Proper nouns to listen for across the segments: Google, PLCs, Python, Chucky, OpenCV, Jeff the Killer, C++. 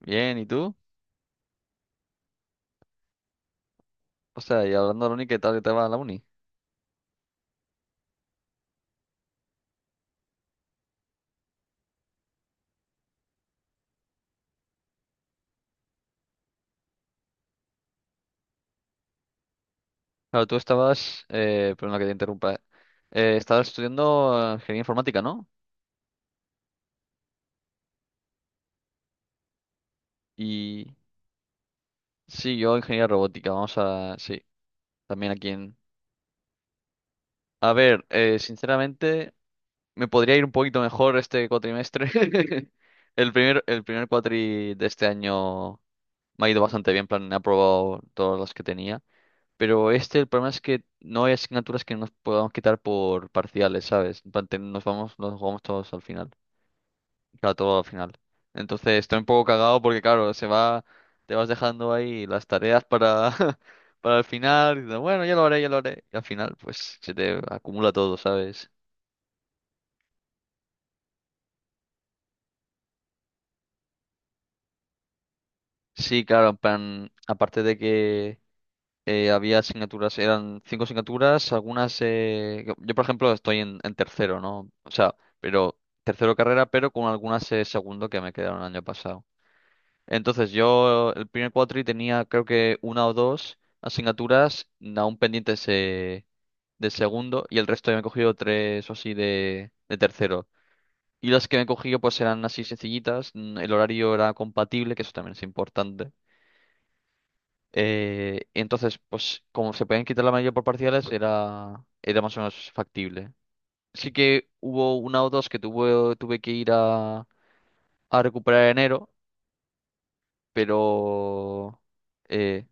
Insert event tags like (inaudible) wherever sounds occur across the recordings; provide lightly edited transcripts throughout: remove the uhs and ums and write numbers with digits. Bien, ¿y tú? O sea, y hablando de la uni, ¿qué tal que te va la uni? Claro, tú estabas, perdona que te interrumpa, estabas estudiando ingeniería informática, ¿no? Y sí, yo ingeniería robótica, vamos a, sí, también aquí en. A ver, sinceramente, me podría ir un poquito mejor este cuatrimestre. (laughs) El primer cuatri de este año me ha ido bastante bien, en plan, he aprobado todas las que tenía. Pero este, el problema es que no hay asignaturas que nos podamos quitar por parciales, ¿sabes? En plan, nos jugamos todos al final. Claro, todo al final. Entonces estoy un poco cagado porque, claro, te vas dejando ahí las tareas para, (laughs) para el final. Y dices, bueno, ya lo haré, ya lo haré. Y al final, pues, se te acumula todo, ¿sabes? Sí, claro, en plan, aparte de que había asignaturas, eran cinco asignaturas, algunas. Yo, por ejemplo, estoy en, tercero, ¿no? O sea, pero tercero carrera, pero con algunas segundo que me quedaron el año pasado. Entonces yo el primer cuatri tenía creo que una o dos asignaturas aún pendientes de segundo y el resto ya me he cogido tres o así de tercero. Y las que me he cogido pues eran así sencillitas, el horario era compatible, que eso también es importante. Entonces, pues como se podían quitar la mayoría por parciales, era más o menos factible. Sí que hubo una o dos que tuve que ir a recuperar en enero, pero. eh,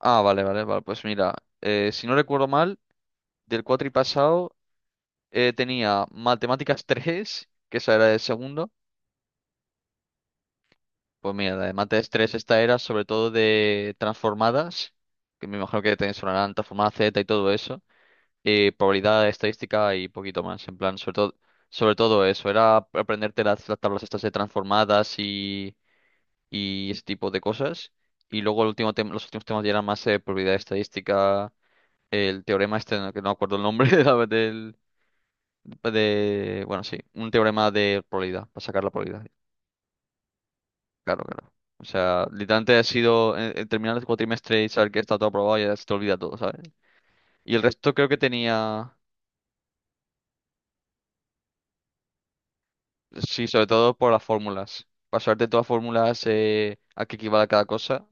ah, vale, vale, vale. Pues mira, si no recuerdo mal, del cuatri pasado tenía matemáticas (laughs) 3 que esa era de segundo. Pues mira, la de mates 3 esta era sobre todo de transformadas, que me imagino que te sonarán transformada Z y todo eso. Y probabilidad estadística y poquito más. En plan, sobre todo eso. Era aprenderte las, tablas estas de transformadas y ese tipo de cosas. Y luego los últimos temas ya eran más probabilidad estadística. El teorema este, que no acuerdo el nombre (laughs) de la- del, de, bueno, sí, un teorema de probabilidad, para sacar la probabilidad. Claro, claro. O sea, literalmente ha sido terminar el cuatrimestre y saber que está todo aprobado y ya se te olvida todo, ¿sabes? Y el resto creo que tenía. Sí, sobre todo por las fórmulas. Pasarte todas las fórmulas a qué equivale cada cosa,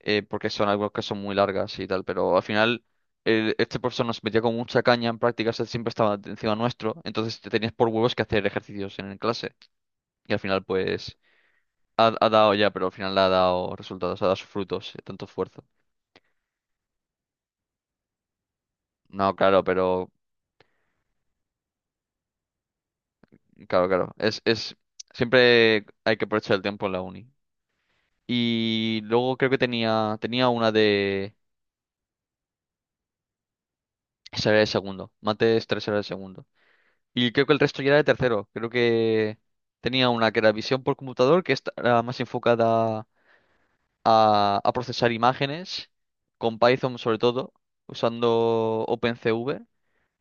porque son algo que son muy largas y tal, pero al final este profesor nos metía con mucha caña en prácticas, él siempre estaba encima nuestro, entonces te tenías por huevos que hacer ejercicios en clase. Y al final pues ha dado ya, pero al final le ha dado resultados, ha dado sus frutos, tanto esfuerzo. No, claro, pero claro, claro. Siempre hay que aprovechar el tiempo en la uni. Y luego creo que tenía una de. Ese era el segundo. Mates 3 era el segundo. Y creo que el resto ya era el tercero. Creo que tenía una que era visión por computador, que esta era más enfocada a procesar imágenes, con Python sobre todo, usando OpenCV.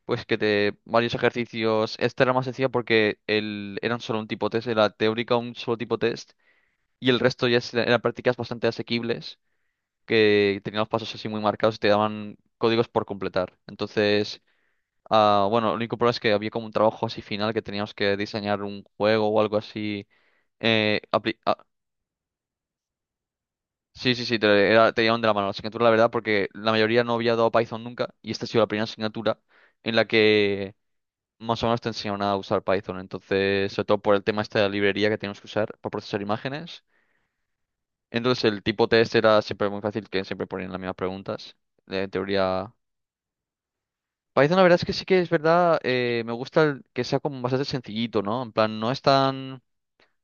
Pues que te varios ejercicios. Esta era más sencilla porque eran solo un tipo test, era teórica un solo tipo test. Y el resto ya eran prácticas bastante asequibles, que tenían los pasos así muy marcados y te daban códigos por completar. Entonces. Ah, bueno, el único problema es que había como un trabajo así final que teníamos que diseñar un juego o algo así. Ah, sí, sí, sí. Te llevaban de la mano la asignatura, la verdad, porque la mayoría no había dado Python nunca y esta ha sido la primera asignatura en la que más o menos te enseñaban a usar Python. Entonces, sobre todo por el tema este de la librería que teníamos que usar para procesar imágenes. Entonces, el tipo test era siempre muy fácil, que siempre ponían las mismas preguntas de teoría. Python, la verdad es que sí que es verdad, me gusta que sea como bastante sencillito, ¿no? En plan, no es tan.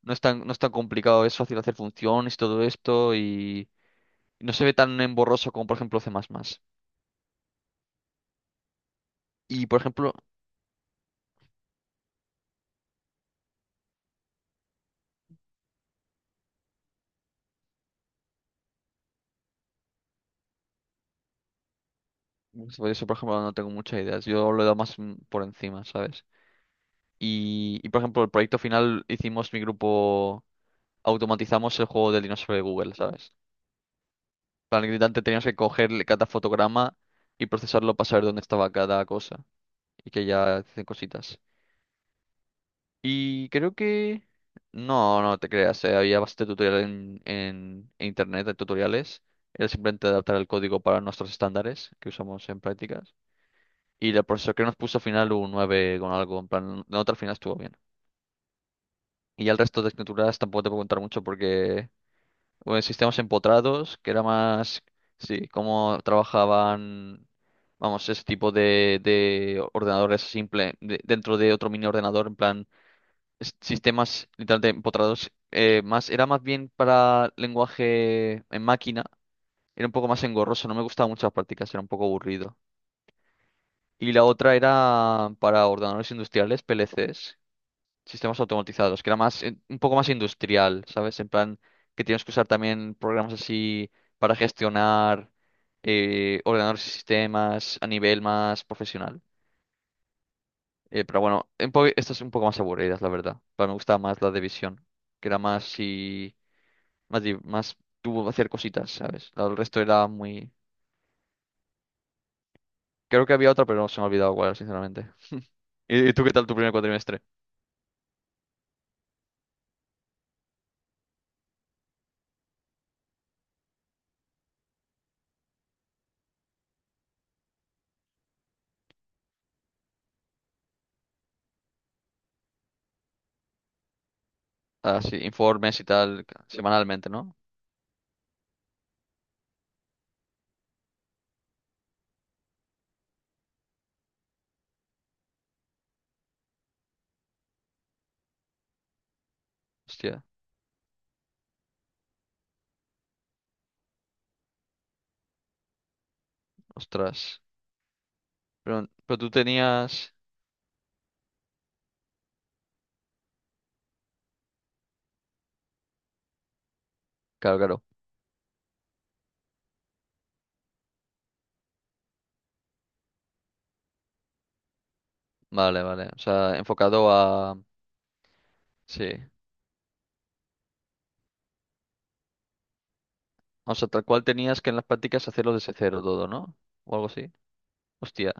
No es tan complicado, es fácil hacer funciones, todo esto, y no se ve tan emborroso como, por ejemplo, C++. Y, por ejemplo, sobre eso, por ejemplo, no tengo muchas ideas. Yo lo he dado más por encima, ¿sabes? Y, por ejemplo, el proyecto final hicimos mi grupo, automatizamos el juego del dinosaurio de Google, ¿sabes? Para el gritante teníamos que coger cada fotograma y procesarlo para saber dónde estaba cada cosa y que ya hacen cositas. Y creo que. No, no te creas, había bastante tutorial en, internet, de tutoriales. Era simplemente adaptar el código para nuestros estándares que usamos en prácticas. Y el profesor que nos puso al final un 9 con algo, en plan, la nota al final estuvo bien. Y ya el resto de asignaturas tampoco te puedo contar mucho porque. Bueno, sistemas empotrados, que era más. Sí, cómo trabajaban. Vamos, ese tipo de ordenadores simple dentro de otro mini ordenador, en plan. Sistemas literalmente empotrados, era más bien para lenguaje en máquina, era un poco más engorroso, no me gustaban muchas prácticas, era un poco aburrido. Y la otra era para ordenadores industriales, PLCs, sistemas automatizados, que era un poco más industrial, ¿sabes? En plan, que tienes que usar también programas así para gestionar ordenadores y sistemas a nivel más profesional. Pero bueno, estas son un poco más aburridas, la verdad. Pero me gustaba más la de visión, que era más si más, di- más tuvo hacer cositas, ¿sabes? El resto era muy. Creo que había otra, pero no se me ha olvidado cuál, sinceramente. ¿Y tú qué tal tu primer cuatrimestre? Ah, sí, informes y tal, semanalmente, ¿no? Hostia, ostras. Pero tú tenías. Claro, claro. Vale, vale. O sea, enfocado a. Sí. O sea, tal cual tenías que en las prácticas hacerlo desde cero todo, ¿no? O algo así. Hostia.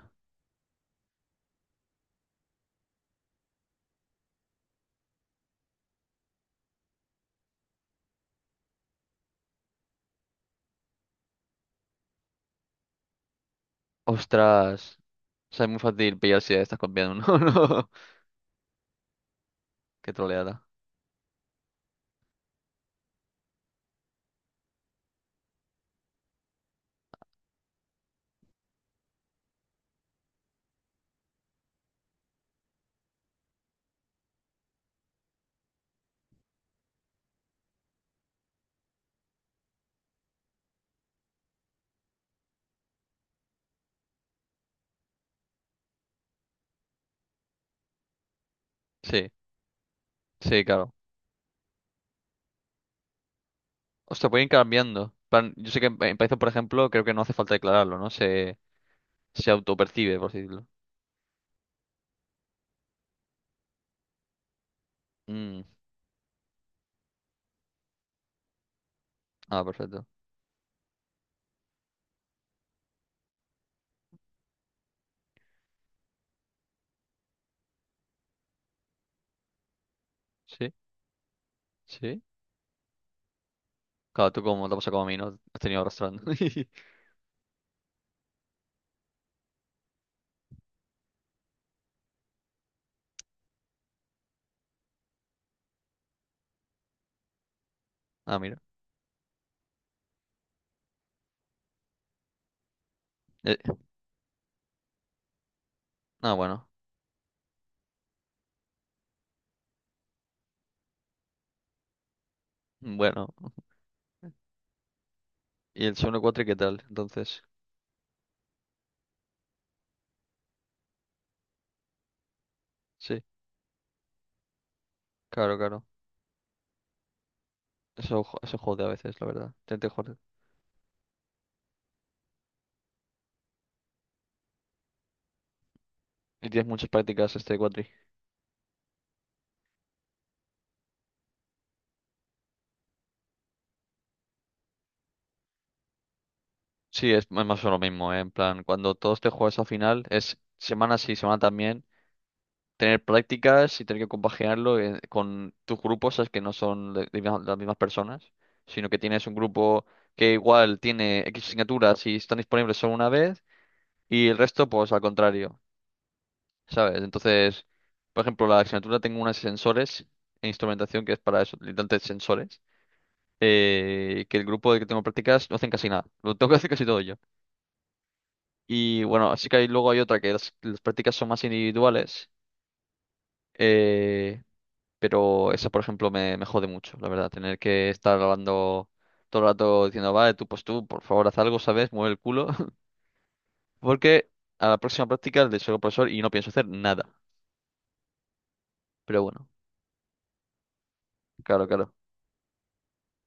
Ostras. O sea, es muy fácil pillar si estás copiando, (laughs) ¿no? No. Qué troleada. Sí, sí, claro. O sea, pueden ir cambiando. Plan, yo sé que en, Python, por ejemplo, creo que no hace falta declararlo, ¿no? Se autopercibe, por así decirlo. Mm. Ah, perfecto. Sí, sí. Claro, tú como te pasa como a mí, ¿no? Has tenido arrastrando. (laughs) Ah, mira. Eh, ah, bueno. Bueno. ¿Y el segundo cuatri qué tal? Entonces, sí, claro, claro. Eso jode a veces, la verdad. Te jode. Y tienes muchas prácticas este cuatri. Sí, es más o menos lo mismo, ¿eh? En plan, cuando todos te juegas al final, es semana sí, semana también. Tener prácticas y tener que compaginarlo con tus grupos, sabes que no son las mismas personas, sino que tienes un grupo que igual tiene X asignaturas y están disponibles solo una vez y el resto pues al contrario, ¿sabes? Entonces, por ejemplo, la asignatura tengo unas sensores e instrumentación que es para eso, literalmente sensores. Que el grupo del que tengo prácticas no hacen casi nada, (laughs) lo tengo que hacer casi todo yo. Y bueno, así que luego hay otra que las, prácticas son más individuales. Eh, Pero esa, por ejemplo, me jode mucho, la verdad. Tener que estar grabando todo el rato diciendo, vale, tú, pues tú, por favor, haz algo, ¿sabes? Mueve el culo. (laughs) Porque a la próxima práctica le soy profesor y no pienso hacer nada. Pero bueno, claro, claro.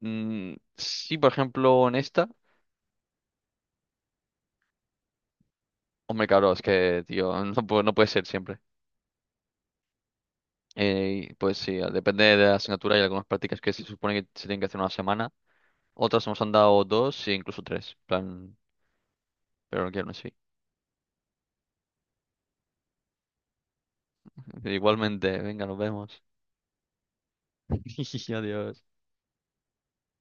Mm, sí, por ejemplo, en esta. Hombre, claro, es que, tío, (laughs) no puede ser siempre. Pues sí, depende de la asignatura. Hay algunas prácticas que se supone que se tienen que hacer una semana. Otras nos han dado dos e incluso tres. En plan, pero no quiero así. (laughs) Igualmente, venga, nos vemos. (laughs) Adiós.